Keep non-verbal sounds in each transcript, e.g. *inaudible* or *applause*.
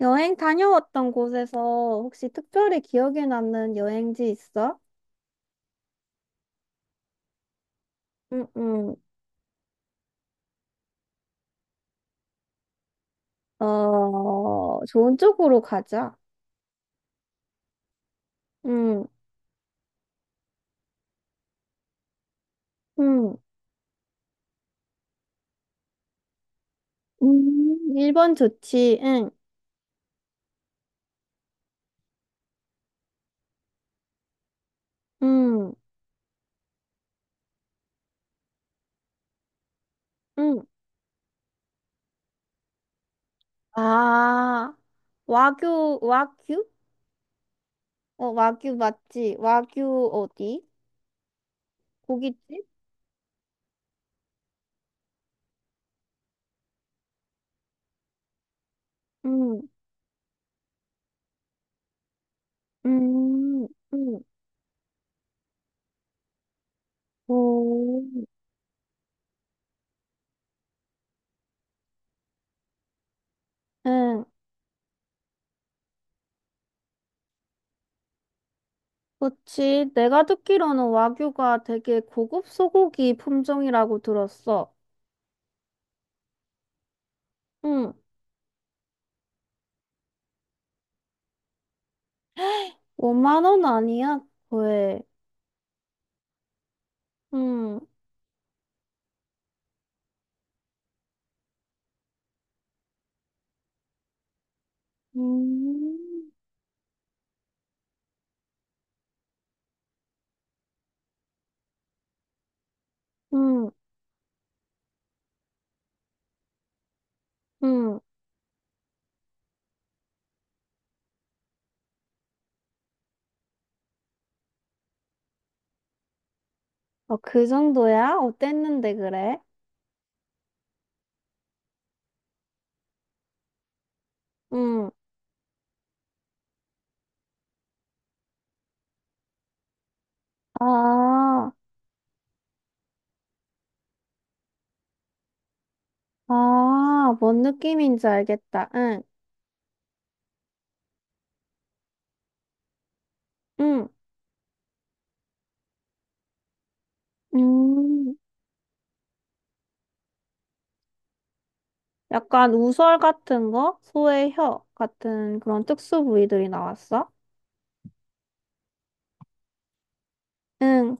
여행 다녀왔던 곳에서 혹시 특별히 기억에 남는 여행지 있어? 응, 응. 어, 좋은 쪽으로 가자. 응, 응. 일본 좋지, 응. 응, 응. 아, 와규? 어, 와규 맞지? 와규 어디? 고깃집? 응, 응, 응. 오, 응. 그치. 내가 듣기로는 와규가 되게 고급 소고기 품종이라고 들었어. 응. 5만 원 아니야? 왜? 응. 음. 응. 응. 어, 그 정도야? 어땠는데 그래? 응. 아, 뭔 느낌인지 알겠다. 응. 응. 음. 약간 우설 같은 거? 소의 혀 같은 그런 특수 부위들이 나왔어? 응.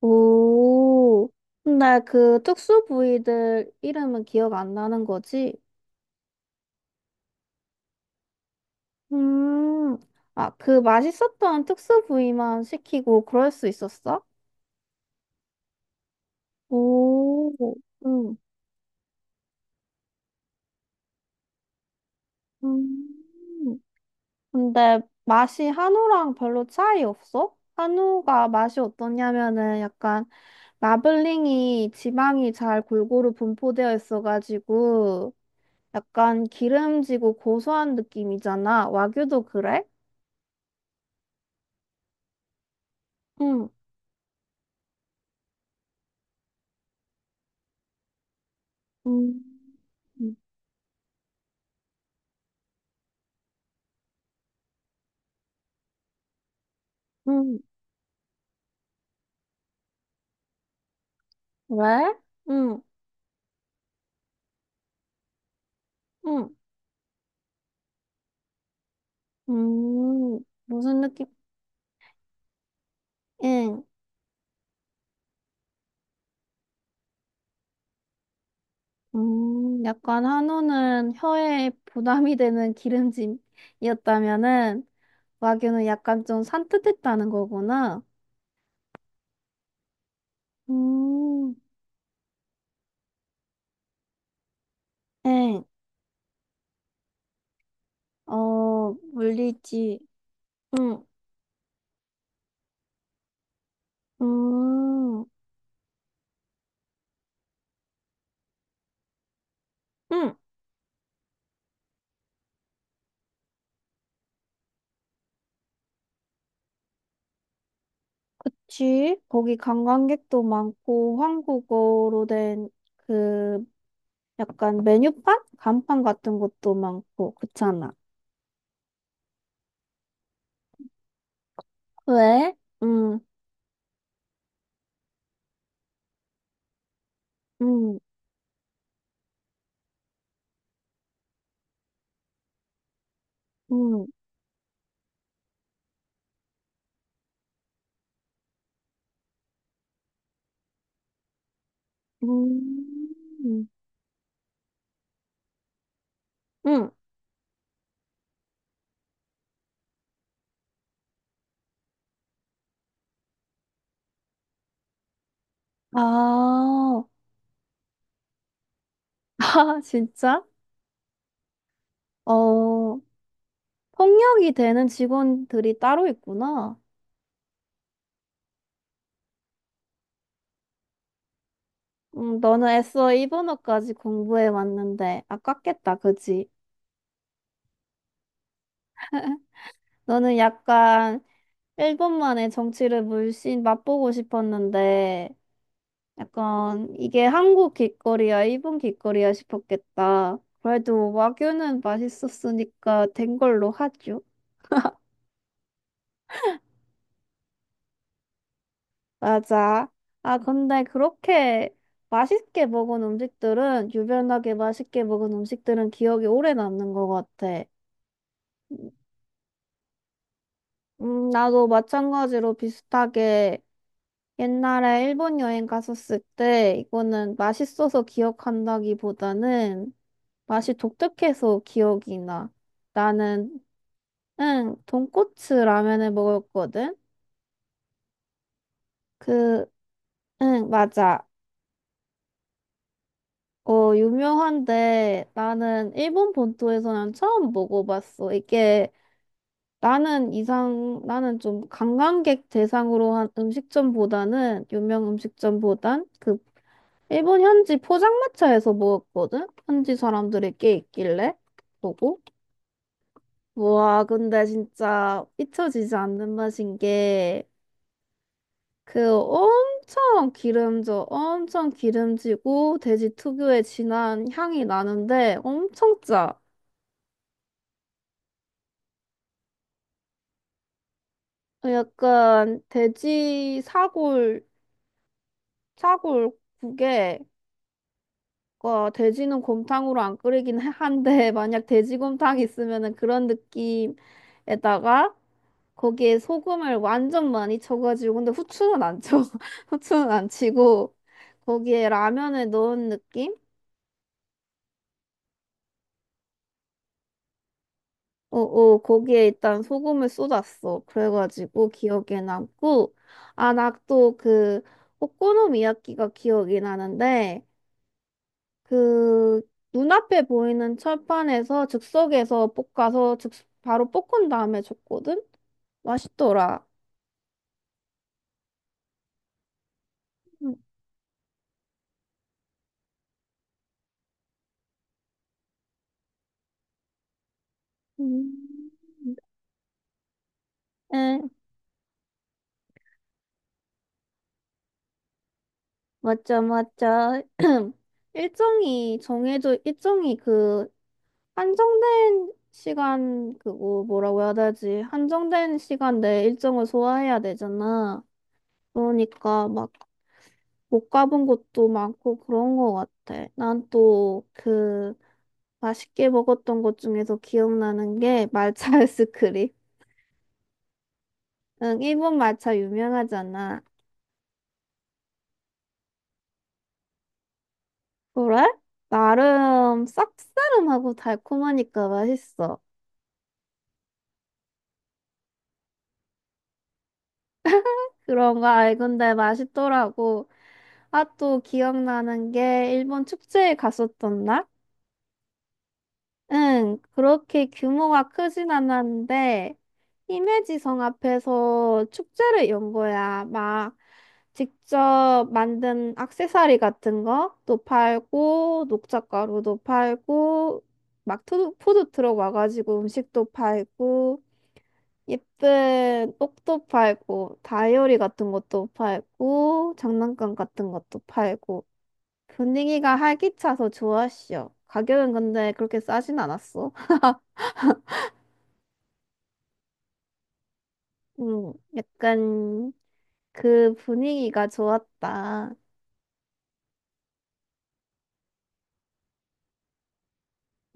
오, 근데 그 특수 부위들 이름은 기억 안 나는 거지? 음. 아, 그 맛있었던 특수 부위만 시키고 그럴 수 있었어? 오, 응, 음. 근데 맛이 한우랑 별로 차이 없어? 한우가 맛이 어떠냐면은 약간 마블링이 지방이 잘 골고루 분포되어 있어가지고 약간 기름지고 고소한 느낌이잖아. 와규도 그래? 응, 응, 응, 응. 왜? 응, 응, 음, 무슨 느낌? 응, 약간 한우는 혀에 부담이 되는 기름짐이었다면은, 와규는 약간 좀 산뜻했다는 거구나. 음, 응, 어, 물리지. 응, 음, 응, 그치. 거기 관광객도 많고, 한국어로 된 그, 약간 메뉴판? 간판 같은 것도 많고, 그렇잖아. 왜? 응. 응. 응. 응. 응. 아, *laughs* 아, 진짜? 어, 폭력이 되는 직원들이 따로 있구나. 너는 애써 일본어까지 공부해 왔는데 아깝겠다, 그지? 너는 약간 일본만의 정치를 물씬 맛보고 싶었는데 약간 이게 한국 길거리야, 일본 길거리야 싶었겠다. 그래도 와규는 맛있었으니까 된 걸로 하죠. 맞아. 아, 근데 그렇게 맛있게 먹은 음식들은, 유별나게 맛있게 먹은 음식들은 기억이 오래 남는 것 같아. 나도 마찬가지로 비슷하게 옛날에 일본 여행 갔었을 때 이거는 맛있어서 기억한다기보다는 맛이 독특해서 기억이 나. 나는 응, 돈코츠 라면을 먹었거든? 그, 응, 맞아. 어, 유명한데 나는 일본 본토에서는 처음 먹어봤어. 이게 나는 좀 관광객 대상으로 한 음식점보다는, 유명 음식점보단 그 일본 현지 포장마차에서 먹었거든? 현지 사람들이 꽤 있길래 보고. 와, 근데 진짜 잊혀지지 않는 맛인 게 엄청 기름지고 돼지 특유의 진한 향이 나는데 엄청 짜. 약간 사골국에 어, 돼지는 곰탕으로 안 끓이긴 해- 한데 *laughs* 만약 돼지곰탕이 있으면은 그런 느낌에다가 거기에 소금을 완전 많이 쳐가지고 근데 후추는 안 쳐. *laughs* 후추는 안 치고 거기에 라면을 넣은 느낌? 거기에 일단 소금을 쏟았어. 그래가지고 기억에 남고, 아, 나 또 그 오코노미야키가 기억이 나는데, 그 눈앞에 보이는 철판에서 즉석에서 볶아서 즉 바로 볶은 다음에 줬거든? 맛있더라. 음, 음. 응, 맞죠, 맞죠. *clears throat* 일정이 한정된 시간 그거 뭐라고 해야 되지? 한정된 시간 내 일정을 소화해야 되잖아. 그러니까 막 못 가본 곳도 많고 그런 거 같아. 난 또 그 맛있게 먹었던 것 중에서 기억나는 게 말차 아이스크림. 응, 일본 말차 유명하잖아. 그래? 나름 쌉싸름하고 달콤하니까 맛있어. 그런 거 알건데 맛있더라고. 아, 또 기억나는 게 일본 축제에 갔었던 날? 응, 그렇게 규모가 크진 않았는데 히메지성 앞에서 축제를 연 거야. 막 직접 만든 액세서리 같은 것도 팔고 녹차가루도 팔고 막 푸드 트럭 와가지고 음식도 팔고 예쁜 옷도 팔고, 다이어리 같은 것도 팔고, 장난감 같은 것도 팔고. 분위기가 활기차서 좋았어. 가격은 근데 그렇게 싸진 않았어. *laughs* 약간 그 분위기가 좋았다.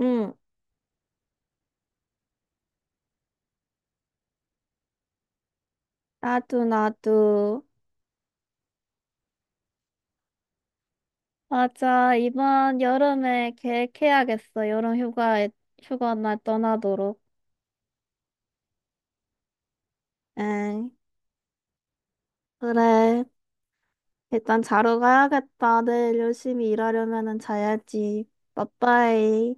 응, 나도, 나도. 맞아, 이번 여름에 계획해야겠어. 여름 휴가에, 휴가 날 떠나도록. 응, 그래. 일단 자러 가야겠다. 내일 열심히 일하려면은 자야지. 빠빠이.